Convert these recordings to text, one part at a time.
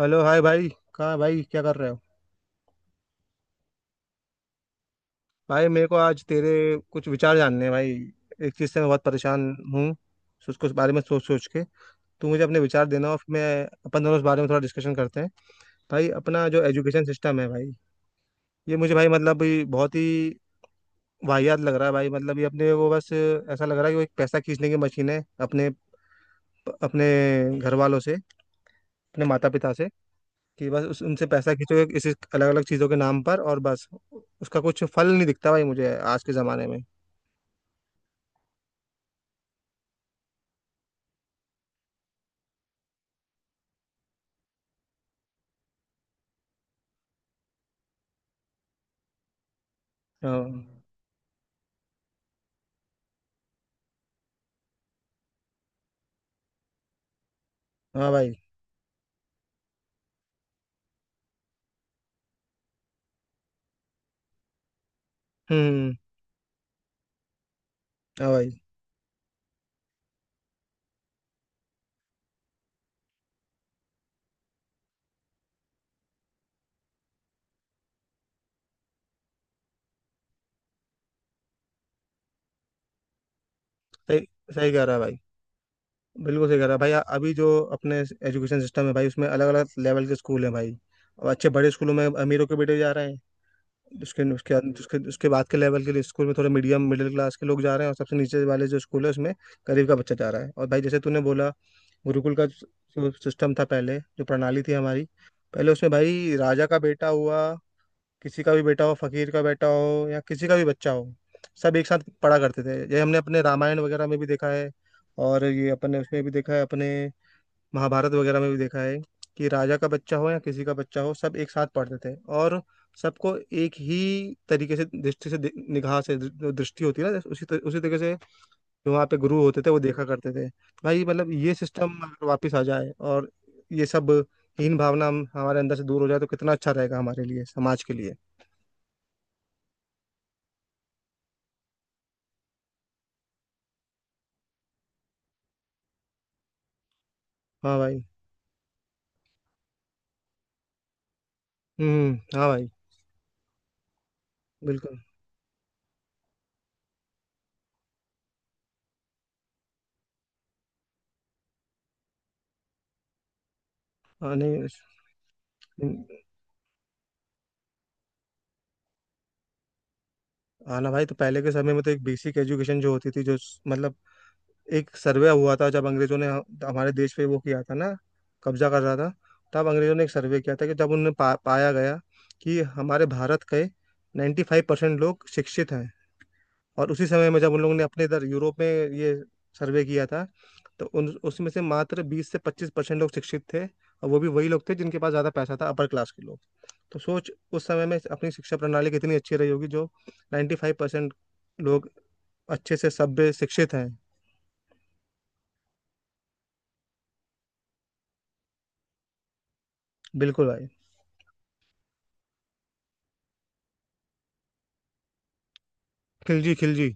Hello, hi भाई। कहाँ है भाई, क्या कर रहे हो। भाई, मेरे को आज तेरे कुछ विचार जानने हैं भाई। एक चीज़ से मैं बहुत परेशान हूँ। सोच कुछ बारे में, सोच सोच के। तू मुझे अपने विचार देना और फिर मैं अपन दोनों इस बारे में थोड़ा डिस्कशन करते हैं। भाई, अपना जो एजुकेशन सिस्टम है भाई, ये मुझे भाई, मतलब ये बहुत ही वाहियात लग रहा है भाई। मतलब ये अपने वो, बस ऐसा लग रहा है कि वो एक पैसा खींचने की मशीन है, अपने अपने घर वालों से, अपने माता पिता से। कि बस उस उनसे पैसा खींचोगे किसी अलग अलग चीज़ों के नाम पर, और बस उसका कुछ फल नहीं दिखता भाई मुझे आज के ज़माने में। हाँ हाँ भाई। हम्म, हाँ भाई। सही, सही कह रहा है भाई। बिल्कुल सही कह रहा है भाई। अभी जो अपने एजुकेशन सिस्टम है भाई, उसमें अलग अलग लेवल के स्कूल हैं भाई। और अच्छे बड़े स्कूलों में अमीरों के बेटे जा रहे हैं। उसके उसके बाद के लेवल के लिए स्कूल में थोड़े मीडियम मिडिल क्लास के लोग जा रहे हैं, और सबसे नीचे वाले जो स्कूल है उसमें गरीब का बच्चा जा रहा है। और भाई, जैसे तूने बोला, गुरुकुल का जो सिस्टम था, पहले जो प्रणाली थी हमारी, पहले उसमें भाई राजा का बेटा हुआ, किसी का भी बेटा हो, फकीर का बेटा हो या किसी का भी बच्चा हो, सब एक साथ पढ़ा करते थे। ये हमने अपने रामायण वगैरह में भी देखा है, और ये अपने उसमें भी देखा है, अपने महाभारत वगैरह में भी देखा है। कि राजा का बच्चा हो या किसी का बच्चा हो, सब एक साथ पढ़ते थे, और सबको एक ही तरीके से, दृष्टि से, निगाह से, जो दृष्टि होती है ना, उसी तरीके से जो वहाँ पे गुरु होते थे वो देखा करते थे। भाई मतलब ये सिस्टम अगर वापस आ जाए, और ये सब हीन भावना हम हमारे अंदर से दूर हो जाए, तो कितना अच्छा रहेगा हमारे लिए, समाज के लिए। हाँ भाई। हम्म, हाँ भाई। बिल्कुल। हाँ, नहीं। हाँ ना भाई, तो पहले के समय में तो एक बेसिक एजुकेशन जो होती थी, जो मतलब एक सर्वे हुआ था जब अंग्रेजों ने हमारे देश पे वो किया था ना, कब्जा कर रहा था, तब अंग्रेजों ने एक सर्वे किया था कि जब उन्हें पाया गया कि हमारे भारत के 95% परसेंट लोग शिक्षित हैं। और उसी समय में जब उन लोगों ने अपने इधर यूरोप में ये सर्वे किया था, तो उन उसमें से मात्र 20 से 25% लोग शिक्षित थे, और वो भी वही लोग थे जिनके पास ज़्यादा पैसा था, अपर क्लास के लोग। तो सोच, उस समय में अपनी शिक्षा प्रणाली कितनी अच्छी रही होगी जो 95% फाइव परसेंट लोग अच्छे से सभ्य शिक्षित हैं। बिल्कुल भाई। खिलजी, खिलजी।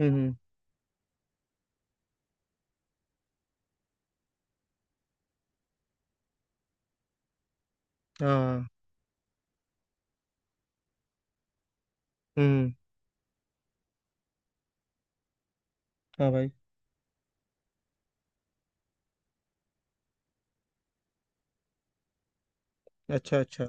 हम्म हम्म, हाँ। हम्म, हाँ भाई। अच्छा अच्छा।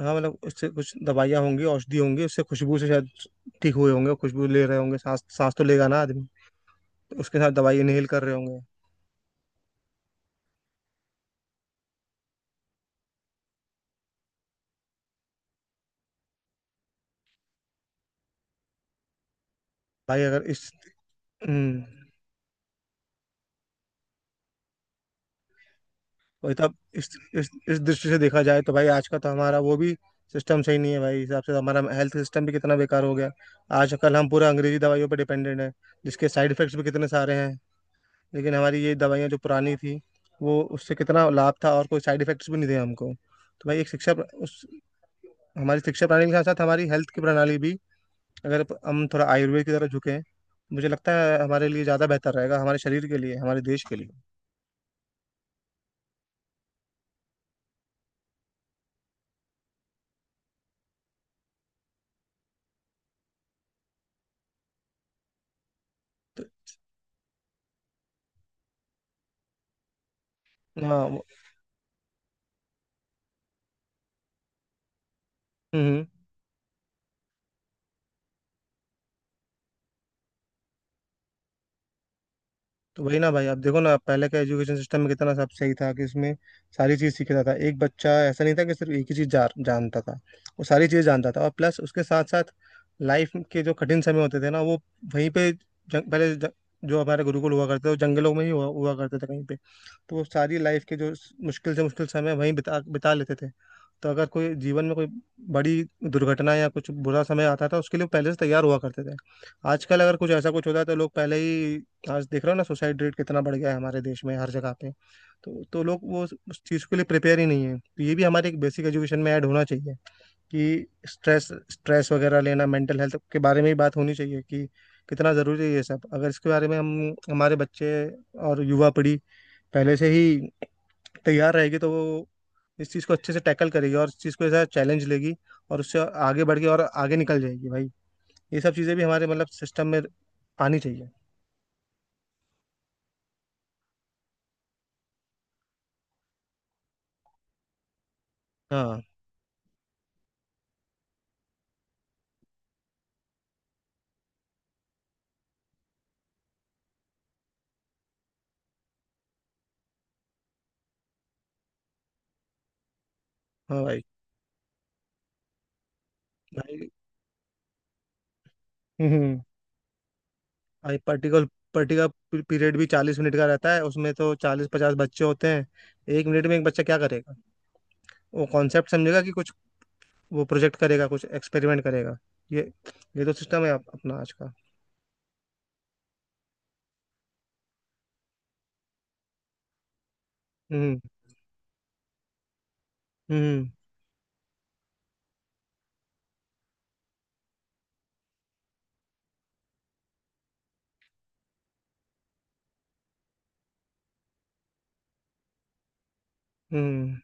हाँ, मतलब उससे कुछ दवाइयाँ होंगी, औषधि होंगी, उससे खुशबू से शायद ठीक हुए होंगे, खुशबू ले रहे होंगे, सांस सांस तो लेगा ना आदमी, तो उसके साथ दवाई इनहेल कर रहे होंगे। भाई अगर इस, हम्म, वही तब इस, इस दृष्टि से देखा जाए तो भाई आज का तो हमारा वो भी सिस्टम सही नहीं है भाई, हिसाब से हमारा हेल्थ सिस्टम भी कितना बेकार हो गया। आज कल हम पूरा अंग्रेजी दवाइयों पर डिपेंडेंट है, जिसके साइड इफेक्ट्स भी कितने सारे हैं। लेकिन हमारी ये दवाइयाँ जो पुरानी थी, वो उससे कितना लाभ था, और कोई साइड इफेक्ट्स भी नहीं थे। हमको तो भाई एक शिक्षा प्र- उस हमारी शिक्षा प्रणाली के साथ साथ हमारी हेल्थ की प्रणाली भी, अगर हम थोड़ा आयुर्वेद की तरफ झुकें, मुझे लगता है हमारे लिए ज़्यादा बेहतर रहेगा, हमारे शरीर के लिए, हमारे देश के लिए। तो हाँ, हम्म हम्म। तो वही ना भाई, आप देखो ना, पहले का एजुकेशन सिस्टम में कितना सब सही था कि उसमें सारी चीज़ सीखता था एक बच्चा। ऐसा नहीं था कि सिर्फ एक ही चीज़ जानता था। वो सारी चीज़ जानता था, और प्लस उसके साथ साथ लाइफ के जो कठिन समय होते थे ना, वो वहीं पे जो हमारे गुरुकुल हुआ करते थे वो जंगलों में ही हुआ करते थे कहीं पे। तो वो सारी लाइफ के जो मुश्किल से मुश्किल समय वहीं बिता बिता लेते थे। तो अगर कोई जीवन में कोई बड़ी दुर्घटना या कुछ बुरा समय आता था, उसके लिए वो पहले से तैयार हुआ करते थे। आजकल अगर कुछ ऐसा कुछ होता है, तो लोग पहले ही, आज देख रहे हो ना, सुसाइड रेट कितना बढ़ गया है हमारे देश में हर जगह पे। तो लोग वो उस चीज़ के लिए प्रिपेयर ही नहीं है। तो ये भी हमारे एक बेसिक एजुकेशन में ऐड होना चाहिए कि स्ट्रेस, स्ट्रेस वगैरह लेना, मेंटल हेल्थ के बारे में ही बात होनी चाहिए, कि कितना ज़रूरी है ये सब। अगर इसके बारे में हम, हमारे बच्चे और युवा पीढ़ी पहले से ही तैयार रहेगी, तो वो इस चीज़ को अच्छे से टैकल करेगी, और इस चीज़ को ऐसा चैलेंज लेगी, और उससे आगे बढ़ के और आगे निकल जाएगी भाई। ये सब चीज़ें भी हमारे मतलब सिस्टम में आनी चाहिए। हाँ हाँ भाई। भाई, हम्म। भाई, पर्टिकुलर पर्टिकुलर पीरियड भी 40 मिनट का रहता है, उसमें तो 40 50 बच्चे होते हैं। एक मिनट में एक बच्चा क्या करेगा? वो कॉन्सेप्ट समझेगा कि कुछ, वो प्रोजेक्ट करेगा, कुछ एक्सपेरिमेंट करेगा? ये ये तो सिस्टम है अपना आज का। हम्म हम्म। हम्म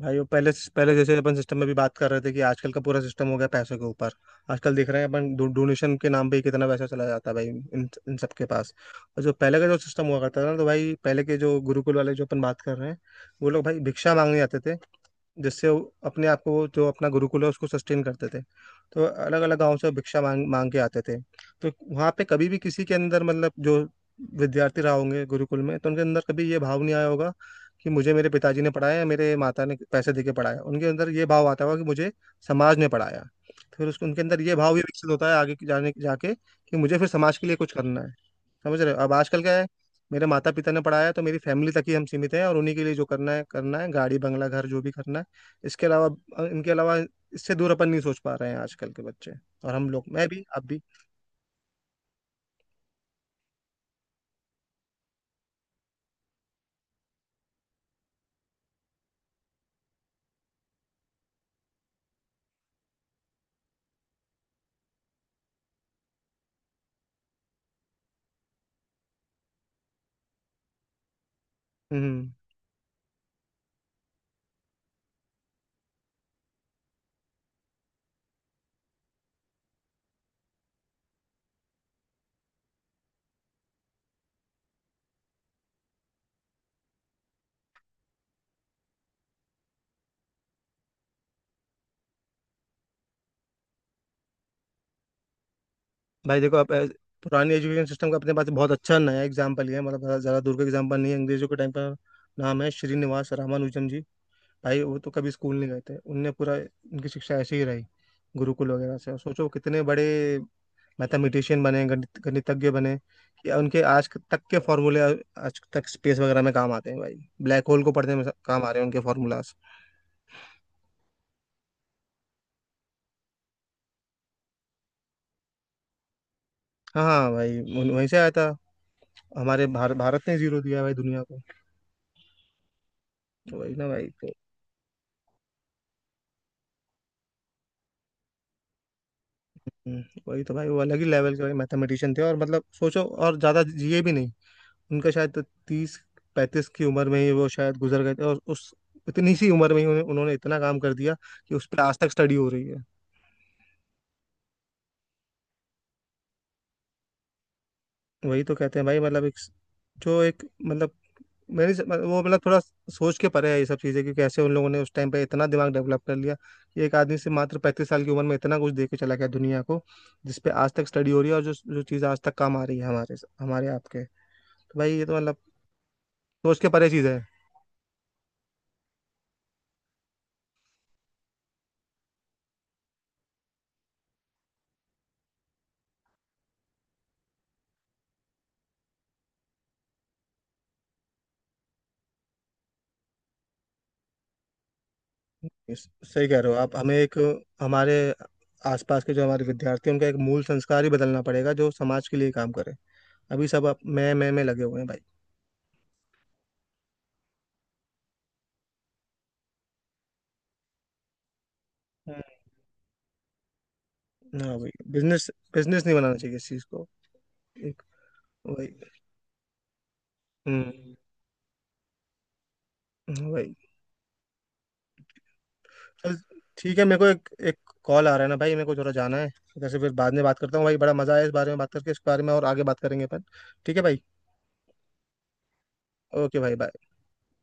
भाई, वो पहले, पहले जैसे अपन सिस्टम में भी बात कर रहे थे कि आजकल का पूरा सिस्टम हो गया पैसों के ऊपर। आजकल देख रहे हैं अपन डोनेशन के नाम पे ही कितना पैसा चला जाता है भाई इन इन सबके पास। और जो पहले का जो सिस्टम हुआ करता था ना, तो भाई पहले के जो गुरुकुल वाले जो अपन बात कर रहे हैं, वो लोग भाई भिक्षा मांगने आते थे, जिससे वो अपने आप को, वो जो अपना गुरुकुल है उसको सस्टेन करते थे। तो अलग अलग गांव से भिक्षा मांग मांग के आते थे। तो वहाँ पे कभी भी किसी के अंदर, मतलब जो विद्यार्थी रहा होंगे गुरुकुल में, तो उनके अंदर कभी ये भाव नहीं आया होगा कि मुझे मेरे पिताजी ने पढ़ाया, या मेरे माता ने पैसे दे के पढ़ाया। उनके अंदर ये भाव आता होगा कि मुझे समाज ने पढ़ाया। तो फिर उसको उनके अंदर ये भाव भी विकसित होता है आगे जाने जाके कि मुझे फिर समाज के लिए कुछ करना है। समझ रहे हो? अब आजकल क्या है, मेरे माता पिता ने पढ़ाया, तो मेरी फैमिली तक ही हम सीमित हैं, और उन्हीं के लिए जो करना है करना है, गाड़ी बंगला घर जो भी करना है। इसके अलावा इनके अलावा, इससे दूर अपन नहीं सोच पा रहे हैं, आजकल के बच्चे और हम लोग, मैं भी आप भी। हम्म। भाई देखो आप, पुरानी एजुकेशन सिस्टम का अपने पास बहुत अच्छा नया एग्जाम्पल है, मतलब ज़्यादा, ज़्यादा दूर का एग्जाम्पल नहीं है, अंग्रेजों के टाइम का। नाम है श्रीनिवास रामानुजन जी। भाई वो तो कभी स्कूल नहीं गए थे, उनने पूरा उनकी शिक्षा ऐसे ही रही गुरुकुल वगैरह से। और सोचो कितने बड़े मैथमेटिशियन बने, गणित गणितज्ञ बने। या उनके आज तक के फॉर्मूले आज तक स्पेस वगैरह में काम आते हैं भाई। ब्लैक होल को पढ़ने में काम आ रहे हैं उनके फॉर्मूलाज। हाँ हाँ भाई, वहीं से आया था। हमारे भारत ने जीरो दिया है भाई दुनिया को। तो वही ना भाई, तो वही तो भाई, वो अलग ही लेवल के भाई मैथमेटिशियन थे। और मतलब सोचो, और ज्यादा जिए भी नहीं। उनका शायद तो 30 35 की उम्र में ही वो शायद गुजर गए थे। और उस इतनी सी उम्र में ही उन्होंने इतना काम कर दिया कि उस पर आज तक स्टडी हो रही है। वही तो कहते हैं भाई, मतलब एक, जो एक, मतलब मतलब वो, मतलब थोड़ा सोच के परे है ये सब चीज़ें कि कैसे उन लोगों ने उस टाइम पे इतना दिमाग डेवलप कर लिया कि एक आदमी से मात्र 35 साल की उम्र में इतना कुछ दे के चला गया दुनिया को, जिस पे आज तक स्टडी हो रही है, और जो जो चीज़ आज तक काम आ रही है हमारे हमारे आपके। तो भाई ये तो मतलब सोच के परे चीज़ है। सही कह रहे हो आप। हमें एक, हमारे आसपास के जो हमारे विद्यार्थी हैं उनका एक मूल संस्कार ही बदलना पड़ेगा जो समाज के लिए काम करे। अभी सब मैं लगे हुए हैं भाई। हम्म, हाँ भाई, बिजनेस बिजनेस नहीं बनाना चाहिए इस चीज़ को। एक वही। हम्म, हाँ भाई। चल, ठीक है, मेरे को एक एक कॉल आ रहा है ना भाई, मेरे को थोड़ा जाना है। इधर से फिर बाद में बात करता हूँ भाई। बड़ा मजा आया इस बारे में बात करके, इस बारे में और आगे बात करेंगे अपन। ठीक है भाई। ओके भाई, बाय।